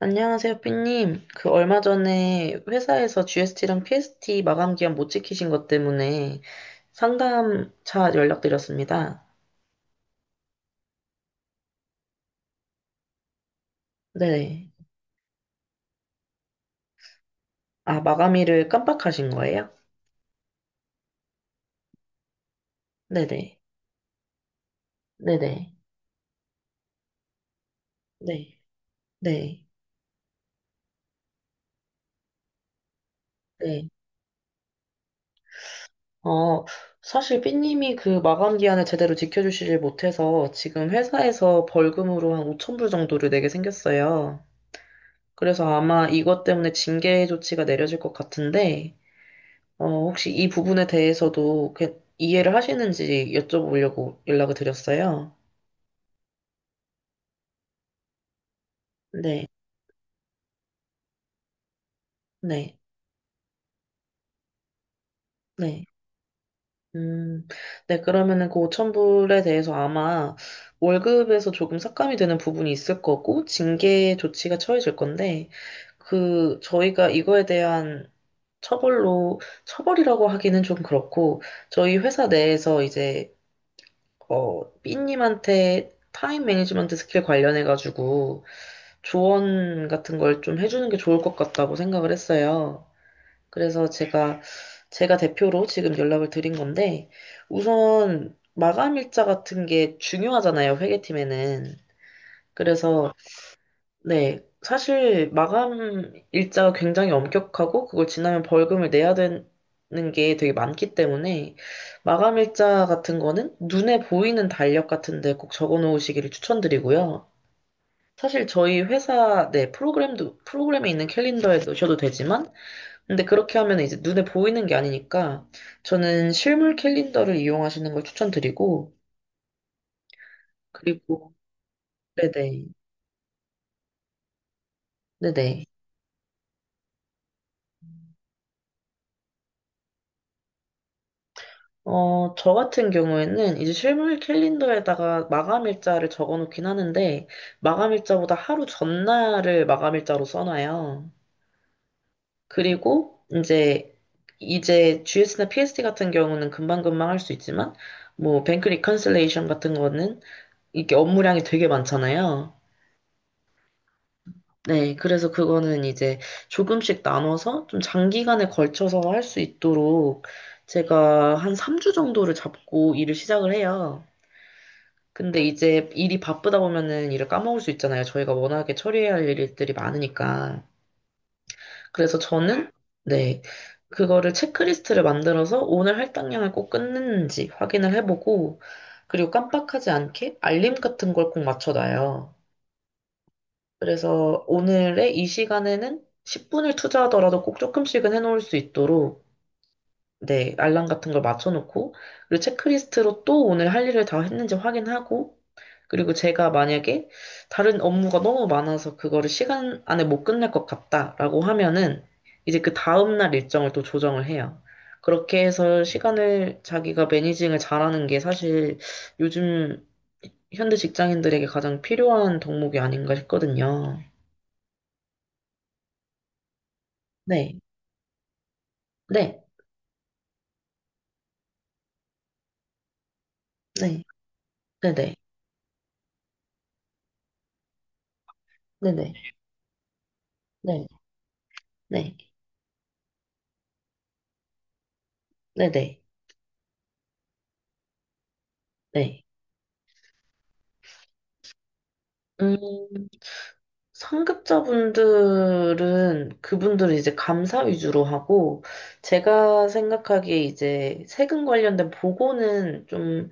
안녕하세요, 삐님. 그 얼마 전에 회사에서 GST랑 PST 마감 기한 못 지키신 것 때문에 상담차 연락드렸습니다. 네. 아, 마감일을 깜빡하신 거예요? 네네. 네네. 네. 네. 네. 어, 사실 삐님이 그 마감 기한을 제대로 지켜주시질 못해서 지금 회사에서 벌금으로 한 5천 불 정도를 내게 생겼어요. 그래서 아마 이것 때문에 징계 조치가 내려질 것 같은데, 어, 혹시 이 부분에 대해서도 이해를 하시는지 여쭤보려고 연락을 드렸어요. 네, 네, 네. 음, 네, 그러면은 그 5천 불에 대해서 아마 월급에서 조금 삭감이 되는 부분이 있을 거고, 징계 조치가 처해질 건데, 그, 저희가 이거에 대한 처벌로, 처벌이라고 하기는 좀 그렇고, 저희 회사 내에서 이제 어, 삐님한테 타임 매니지먼트 스킬 관련해가지고 조언 같은 걸 좀 해주는 게 좋을 것 같다고 생각을 했어요. 그래서 제가, 제가 대표로 지금 연락을 드린 건데, 우선 마감 일자 같은 게 중요하잖아요, 회계팀에는. 그래서 네. 사실 마감 일자가 굉장히 엄격하고 그걸 지나면 벌금을 내야 되는 게 되게 많기 때문에 마감 일자 같은 거는 눈에 보이는 달력 같은데 꼭 적어 놓으시기를 추천드리고요. 사실 저희 회사 내 프로그램도 프로그램에 있는 캘린더에 넣으셔도 되지만 근데 그렇게 하면 이제 눈에 보이는 게 아니니까 저는 실물 캘린더를 이용하시는 걸 추천드리고 그리고 네네 네네 어, 저 같은 경우에는 이제 실물 캘린더에다가 마감 일자를 적어 놓긴 하는데, 마감 일자보다 하루 전날을 마감 일자로 써놔요. 그리고 이제, 이제 GS나 PSD 같은 경우는 금방금방 할 수 있지만, 뭐, 뱅크 리컨실레이션 같은 거는 이게 업무량이 되게 많잖아요. 네, 그래서 그거는 이제 조금씩 나눠서 좀 장기간에 걸쳐서 할 수 있도록 제가 한 3주 정도를 잡고 일을 시작을 해요. 근데 이제 일이 바쁘다 보면은 일을 까먹을 수 있잖아요. 저희가 워낙에 처리해야 할 일들이 많으니까. 그래서 저는, 네, 그거를 체크리스트를 만들어서 오늘 할당량을 꼭 끊는지 확인을 해보고, 그리고 깜빡하지 않게 알림 같은 걸 꼭 맞춰놔요. 그래서 오늘의 이 시간에는 10분을 투자하더라도 꼭 조금씩은 해놓을 수 있도록 네, 알람 같은 걸 맞춰놓고, 그리고 체크리스트로 또 오늘 할 일을 다 했는지 확인하고, 그리고 제가 만약에 다른 업무가 너무 많아서 그거를 시간 안에 못 끝낼 것 같다라고 하면은, 이제 그 다음날 일정을 또 조정을 해요. 그렇게 해서 시간을 자기가 매니징을 잘하는 게 사실 요즘 현대 직장인들에게 가장 필요한 덕목이 아닌가 싶거든요. 네, 네, 네, 네네, 네네, 네, 네, 네네, 네. 네. 네. 음, 상급자분들은 그분들은 이제 감사 위주로 하고 제가 생각하기에 이제 세금 관련된 보고는 좀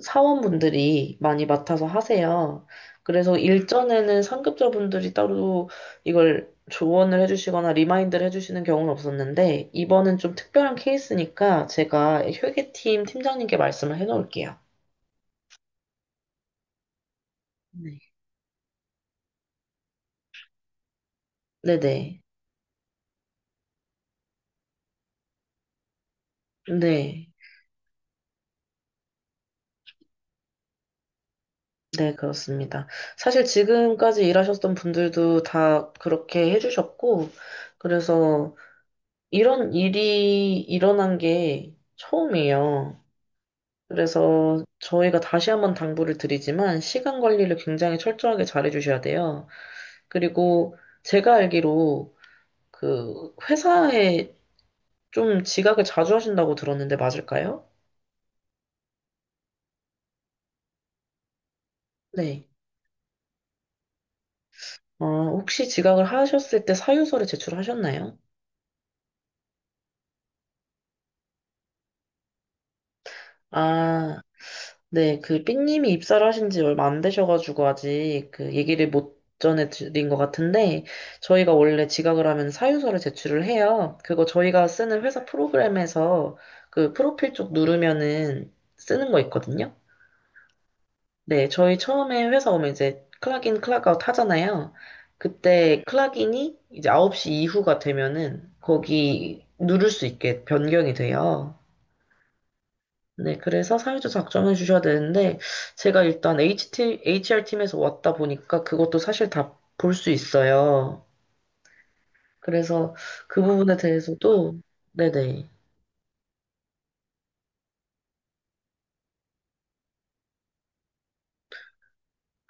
사원분들이 많이 맡아서 하세요. 그래서 일전에는 상급자분들이 따로 이걸 조언을 해주시거나 리마인드를 해주시는 경우는 없었는데 이번은 좀 특별한 케이스니까 제가 회계팀 팀장님께 말씀을 해놓을게요. 네. 네네. 네. 네, 그렇습니다. 사실 지금까지 일하셨던 분들도 다 그렇게 해주셨고, 그래서 이런 일이 일어난 게 처음이에요. 그래서 저희가 다시 한번 당부를 드리지만, 시간 관리를 굉장히 철저하게 잘 해주셔야 돼요. 그리고 제가 알기로 그 회사에 좀 지각을 자주 하신다고 들었는데 맞을까요? 네. 어, 혹시 지각을 하셨을 때 사유서를 제출하셨나요? 아, 네, 그 삐님이 입사를 하신 지 얼마 안 되셔가지고 아직 그 얘기를 못 전해드린 것 같은데 저희가 원래 지각을 하면 사유서를 제출을 해요. 그거 저희가 쓰는 회사 프로그램에서 그 프로필 쪽 누르면은 쓰는 거 있거든요. 네, 저희 처음에 회사 오면 이제 클락인, 클락아웃 하잖아요. 그때 클락인이 이제 9시 이후가 되면은 거기 누를 수 있게 변경이 돼요. 네, 그래서 사유도 작성해 주셔야 되는데, 제가 일단 HR팀에서 왔다 보니까 그것도 사실 다 볼 수 있어요. 그래서 그 부분에 대해서도, 네네,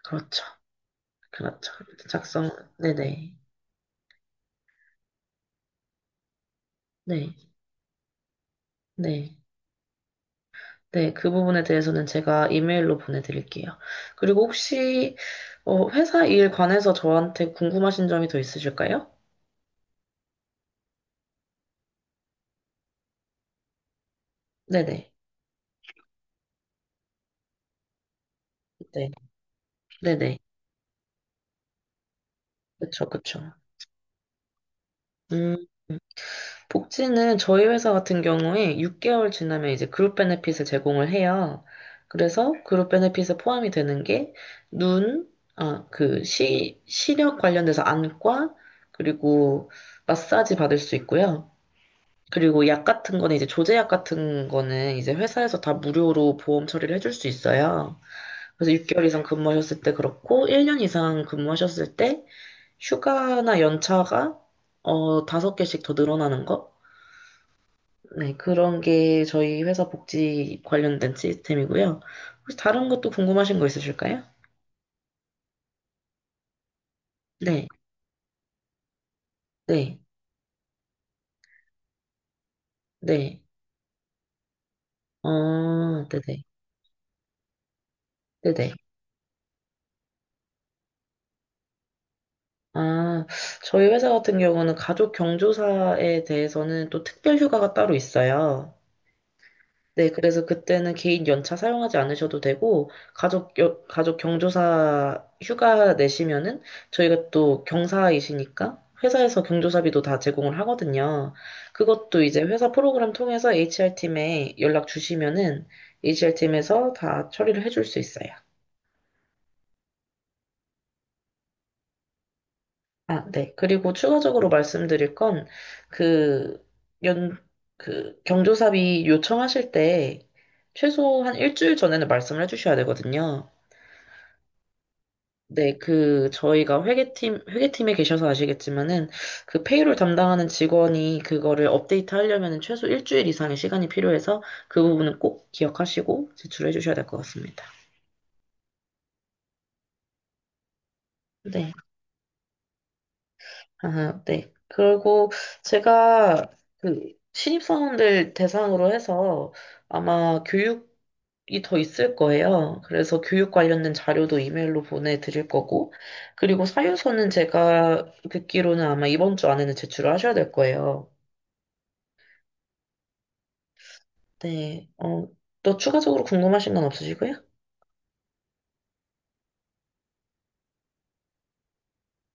그렇죠. 그렇죠. 작성, 네네, 네, 네. 네, 그 부분에 대해서는 제가 이메일로 보내드릴게요. 그리고 혹시, 어, 회사 일 관해서 저한테 궁금하신 점이 더 있으실까요? 네네, 네, 네네, 그쵸, 그쵸. 음. 복지는 저희 회사 같은 경우에 6개월 지나면 이제 그룹 베네핏을 제공을 해요. 그래서 그룹 베네핏에 포함이 되는 게 눈, 아, 그 시, 시력 관련돼서 안과, 그리고 마사지 받을 수 있고요. 그리고 약 같은 거는 이제 조제약 같은 거는 이제 회사에서 다 무료로 보험 처리를 해줄 수 있어요. 그래서 6개월 이상 근무하셨을 때 그렇고, 1년 이상 근무하셨을 때 휴가나 연차가 어, 다섯 개씩 더 늘어나는 거? 네, 그런 게 저희 회사 복지 관련된 시스템이고요. 혹시 다른 것도 궁금하신 거 있으실까요? 네, 네, 네. 아, 네네, 네네. 아, 저희 회사 같은 경우는 가족 경조사에 대해서는 또 특별 휴가가 따로 있어요. 네, 그래서 그때는 개인 연차 사용하지 않으셔도 되고, 가족, 가족 경조사 휴가 내시면은, 저희가 또 경사이시니까, 회사에서 경조사비도 다 제공을 하거든요. 그것도 이제 회사 프로그램 통해서 HR팀에 연락 주시면은, HR팀에서 다 처리를 해줄 수 있어요. 아, 네. 그리고 추가적으로 말씀드릴 건, 그, 연, 그, 경조사비 요청하실 때, 최소한 일주일 전에는 말씀을 해주셔야 되거든요. 네, 그, 저희가 회계팀에 계셔서 아시겠지만은, 그 페이롤 담당하는 직원이 그거를 업데이트 하려면은 최소 일주일 이상의 시간이 필요해서 그 부분은 꼭 기억하시고 제출해 주셔야 될 것 같습니다. 네, 아, 네. 그리고 제가 그 신입사원들 대상으로 해서 아마 교육이 더 있을 거예요. 그래서 교육 관련된 자료도 이메일로 보내드릴 거고, 그리고 사유서는 제가 듣기로는 아마 이번 주 안에는 제출을 하셔야 될 거예요. 네. 어, 또 추가적으로 궁금하신 건 없으시고요?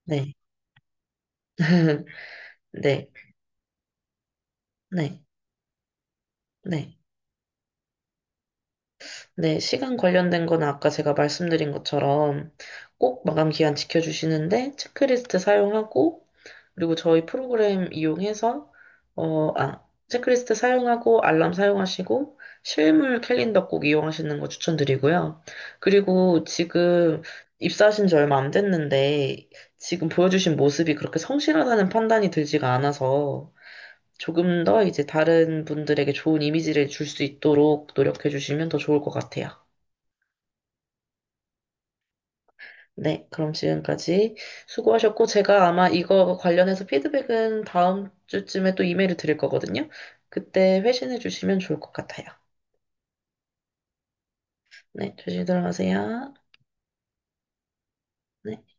네. 네. 네. 네. 네, 시간 관련된 거는 아까 제가 말씀드린 것처럼 꼭 마감 기한 지켜주시는데 체크리스트 사용하고 그리고 저희 프로그램 이용해서 어, 아, 체크리스트 사용하고 알람 사용하시고 실물 캘린더 꼭 이용하시는 거 추천드리고요. 그리고 지금 입사하신 지 얼마 안 됐는데 지금 보여주신 모습이 그렇게 성실하다는 판단이 들지가 않아서 조금 더 이제 다른 분들에게 좋은 이미지를 줄 수 있도록 노력해 주시면 더 좋을 것 같아요. 네, 그럼 지금까지 수고하셨고, 제가 아마 이거 관련해서 피드백은 다음 주쯤에 또 이메일을 드릴 거거든요. 그때 회신해 주시면 좋을 것 같아요. 네, 조심히 들어가세요. 네.